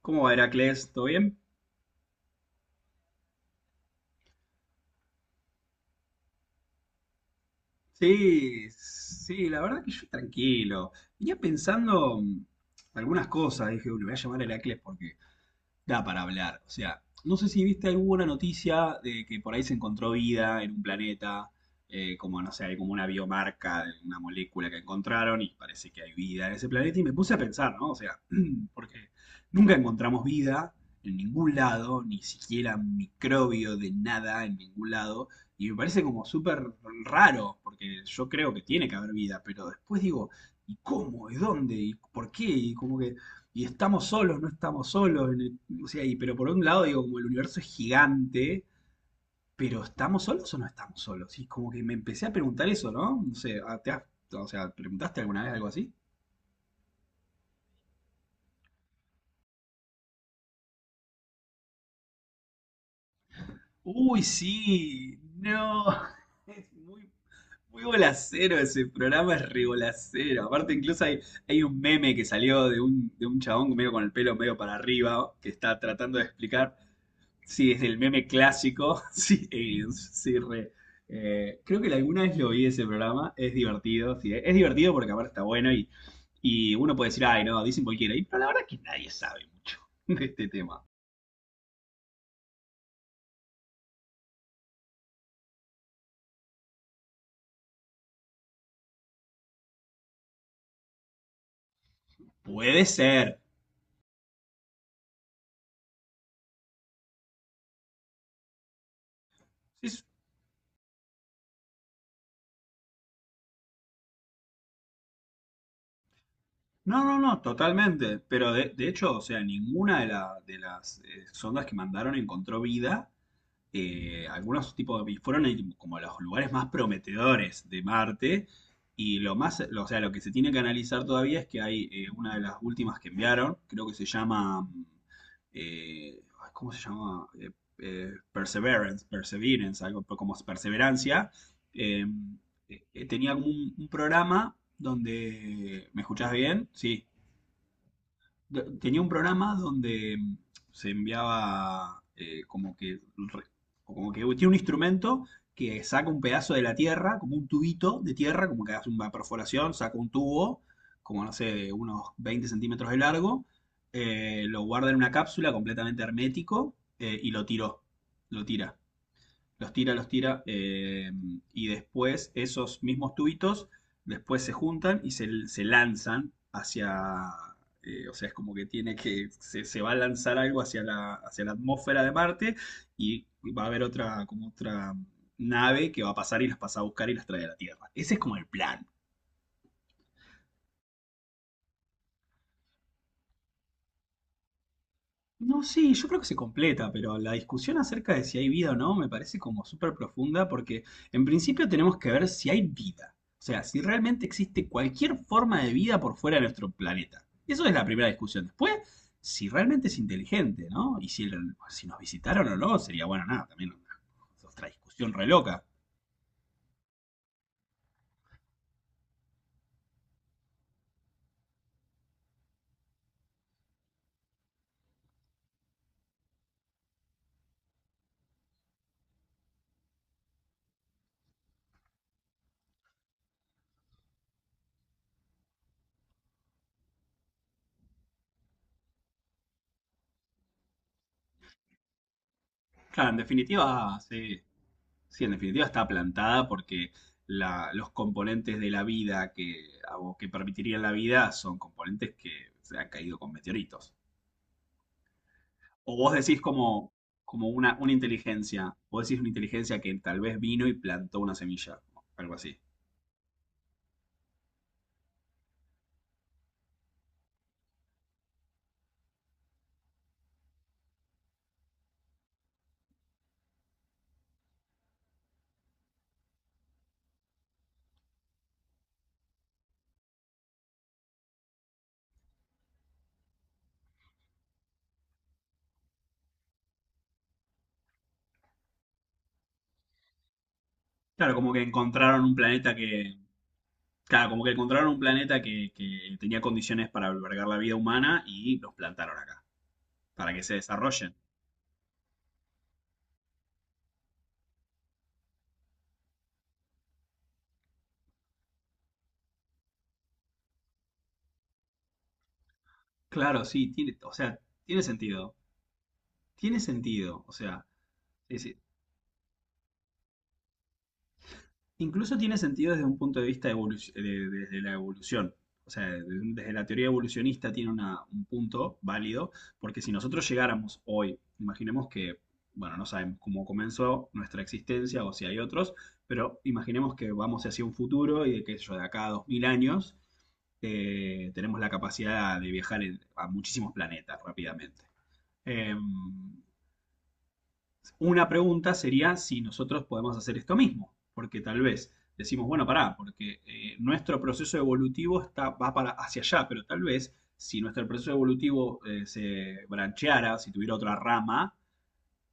¿Cómo va, Heracles? ¿Todo bien? Sí, sí, la verdad que yo tranquilo. Venía pensando algunas cosas, dije, "Uy, le voy a llamar a Heracles porque da para hablar." O sea, no sé si viste alguna noticia de que por ahí se encontró vida en un planeta, como no sé, hay como una biomarca de una molécula que encontraron y parece que hay vida en ese planeta. Y me puse a pensar, ¿no? O sea, porque nunca encontramos vida en ningún lado, ni siquiera microbio de nada en ningún lado. Y me parece como súper raro, porque yo creo que tiene que haber vida, pero después digo, ¿y cómo? ¿Y dónde? ¿Y por qué? Y como que y estamos solos, no estamos solos. O sea, pero por un lado, digo, como el universo es gigante, pero ¿estamos solos o no estamos solos? Y como que me empecé a preguntar eso, ¿no? No sé, o sea, ¿preguntaste alguna vez algo así? Uy, sí, no, es muy, muy bolacero ese programa, es re bolacero. Aparte, incluso hay un meme que salió de un chabón medio con el pelo medio para arriba, que está tratando de explicar. Sí, es el meme clásico. Sí, aliens, sí, re. Creo que alguna vez lo vi ese programa. Es divertido, sí. Es divertido porque aparte está bueno y uno puede decir, ay, no, dicen cualquiera. Pero la verdad es que nadie sabe mucho de este tema. Puede ser. Es- no, no, no, totalmente. Pero de hecho, o sea, ninguna de las sondas que mandaron encontró vida. Algunos tipos de, como los lugares más prometedores de Marte. Y o sea, lo que se tiene que analizar todavía es que hay una de las últimas que enviaron, creo que se llama, ay, ¿cómo se llama? Perseverance, algo como perseverancia. eh, Tenía como un programa donde, ¿me escuchás bien? Sí. Tenía un programa donde se enviaba o como que tiene un instrumento que saca un pedazo de la tierra, como un tubito de tierra, como que hace una perforación, saca un tubo, como no sé, de unos 20 cm de largo, lo guarda en una cápsula completamente hermético y lo tira los tira, y después esos mismos tubitos después se juntan y se lanzan hacia, o sea, es como que se va a lanzar algo hacia la atmósfera de Marte y va a haber otra, como otra nave que va a pasar y las pasa a buscar y las trae a la Tierra. Ese es como el plan. No, sí, yo creo que se completa, pero la discusión acerca de si hay vida o no me parece como súper profunda porque en principio tenemos que ver si hay vida, o sea, si realmente existe cualquier forma de vida por fuera de nuestro planeta. Eso es la primera discusión. Después, si realmente es inteligente, ¿no? Y si nos visitaron o no, sería bueno, nada, también otra discusión re loca. Claro, en definitiva, sí. Sí, en definitiva está plantada porque los componentes de la vida que que permitirían la vida son componentes que se han caído con meteoritos. O vos decís como una inteligencia, vos decís una inteligencia que tal vez vino y plantó una semilla, algo así. Claro, como que encontraron un planeta que, claro, como que encontraron un planeta que tenía condiciones para albergar la vida humana y los plantaron acá, para que se desarrollen. Claro, sí, o sea, tiene sentido, tiene sentido, o sea. Sí, sí. Incluso tiene sentido desde un punto de vista desde la evolución. O sea, desde la teoría evolucionista tiene un punto válido, porque si nosotros llegáramos hoy, imaginemos que, bueno, no sabemos cómo comenzó nuestra existencia o si hay otros, pero imaginemos que vamos hacia un futuro y de qué sé yo, de acá a 2000 años, tenemos la capacidad de viajar a muchísimos planetas rápidamente. Em, una pregunta sería si nosotros podemos hacer esto mismo, porque tal vez decimos, bueno, pará, porque nuestro proceso evolutivo va para, hacia allá, pero tal vez si nuestro proceso evolutivo se brancheara, si tuviera otra rama,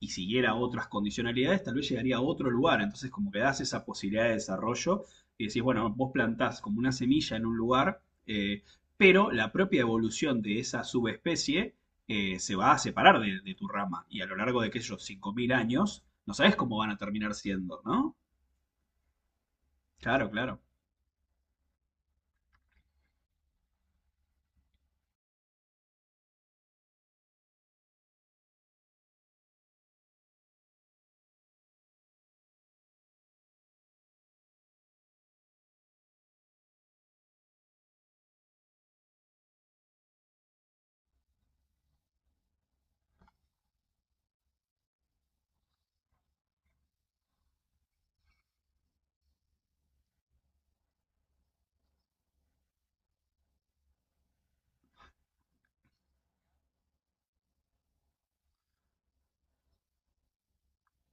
y siguiera otras condicionalidades, tal vez llegaría a otro lugar. Entonces, como que das esa posibilidad de desarrollo y decís, bueno, vos plantás como una semilla en un lugar, pero la propia evolución de esa subespecie se va a separar de tu rama. Y a lo largo de aquellos 5000 años, no sabes cómo van a terminar siendo, ¿no? Claro, claro,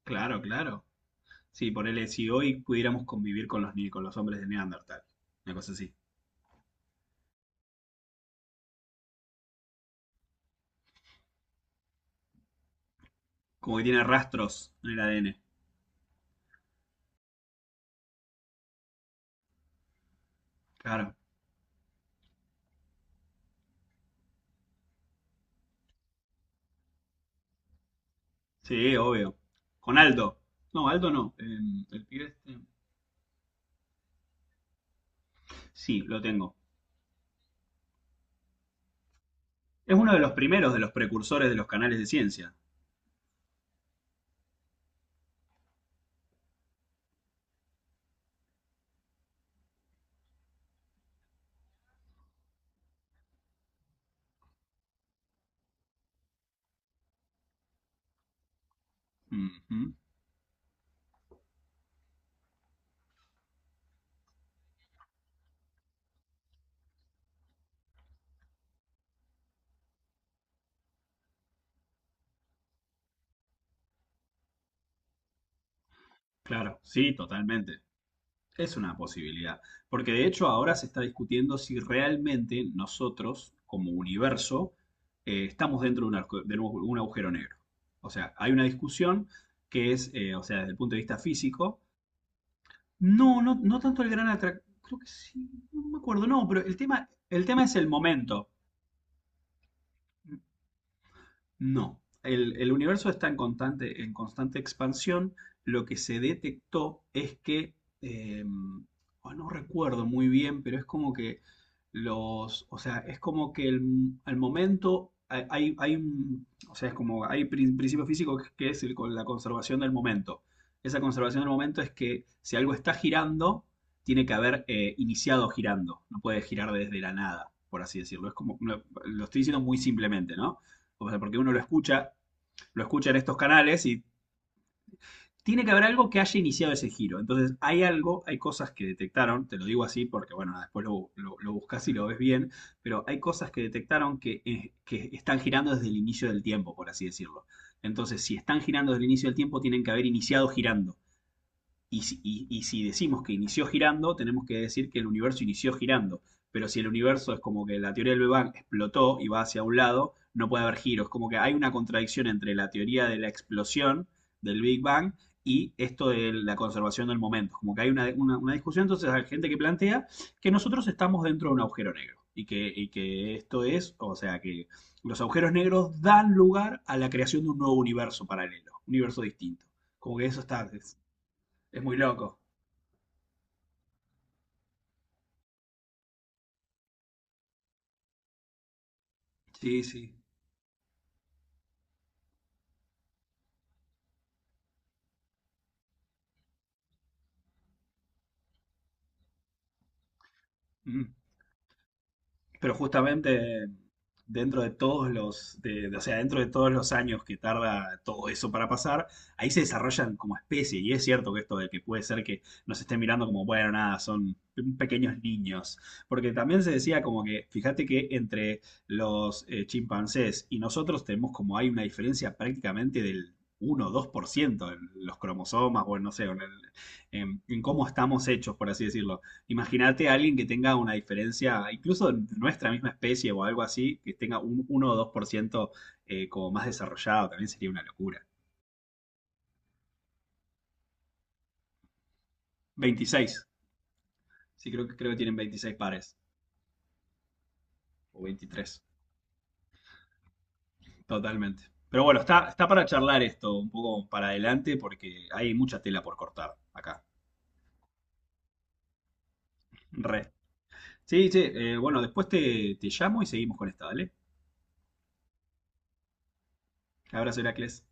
claro, claro. Sí, ponele, si hoy pudiéramos convivir con los, ni- con los hombres de Neandertal, una cosa así. Como que tiene rastros en el ADN. Claro. Sí, obvio. Con Aldo. No, Aldo no. El pibe este. Sí, lo tengo. Es uno de los primeros de los precursores de los canales de ciencia. Ujú. Claro, sí, totalmente. Es una posibilidad. Porque de hecho ahora se está discutiendo si realmente nosotros, como universo, estamos dentro de de un agujero negro. O sea, hay una discusión que es, o sea, desde el punto de vista físico. No, no, no tanto el gran atractivo. Creo que sí, no me acuerdo. No, pero el tema es el momento. No, el universo está en constante expansión. Lo que se detectó es que, eh, oh, no recuerdo muy bien, pero es como que o sea, es como que al momento o sea, es como hay principio físico que es el con la conservación del momento. Esa conservación del momento es que si algo está girando, tiene que haber iniciado girando. No puede girar desde la nada, por así decirlo. Es como, lo estoy diciendo muy simplemente, ¿no? O sea, porque uno lo escucha, en estos canales y tiene que haber algo que haya iniciado ese giro. Entonces, hay algo, hay cosas que detectaron, te lo digo así porque, bueno, nada, después lo buscas y lo ves bien, pero hay cosas que detectaron que están girando desde el inicio del tiempo, por así decirlo. Entonces, si están girando desde el inicio del tiempo, tienen que haber iniciado girando. Y si decimos que inició girando, tenemos que decir que el universo inició girando. Pero si el universo es como que la teoría del Big Bang explotó y va hacia un lado, no puede haber giros. Como que hay una contradicción entre la teoría de la explosión del Big Bang y esto de la conservación del momento. Como que hay una discusión, entonces hay gente que plantea que nosotros estamos dentro de un agujero negro. Y que esto es, o sea, que los agujeros negros dan lugar a la creación de un nuevo universo paralelo, un universo distinto. Como que eso es muy loco. Sí, sí. Mm. Pero justamente dentro de todos o sea, dentro de todos los años que tarda todo eso para pasar, ahí se desarrollan como especie. Y es cierto que esto de que puede ser que nos estén mirando como, bueno, nada, son pequeños niños. Porque también se decía como que, fíjate que entre los chimpancés y nosotros tenemos como hay una diferencia prácticamente del 1 o 2% en los cromosomas o no sé, en, el- en cómo estamos hechos, por así decirlo. Imagínate a alguien que tenga una diferencia, incluso de nuestra misma especie o algo así, que tenga un uno o 2% como más desarrollado, también sería una locura. Veintiséis. Sí, creo que tienen 26 pares, o 23. Totalmente. Pero bueno, está para charlar esto un poco para adelante porque hay mucha tela por cortar acá. Re. Sí, sí, bueno, después te llamo y seguimos con esta, ¿vale? Abrazo, Heracles.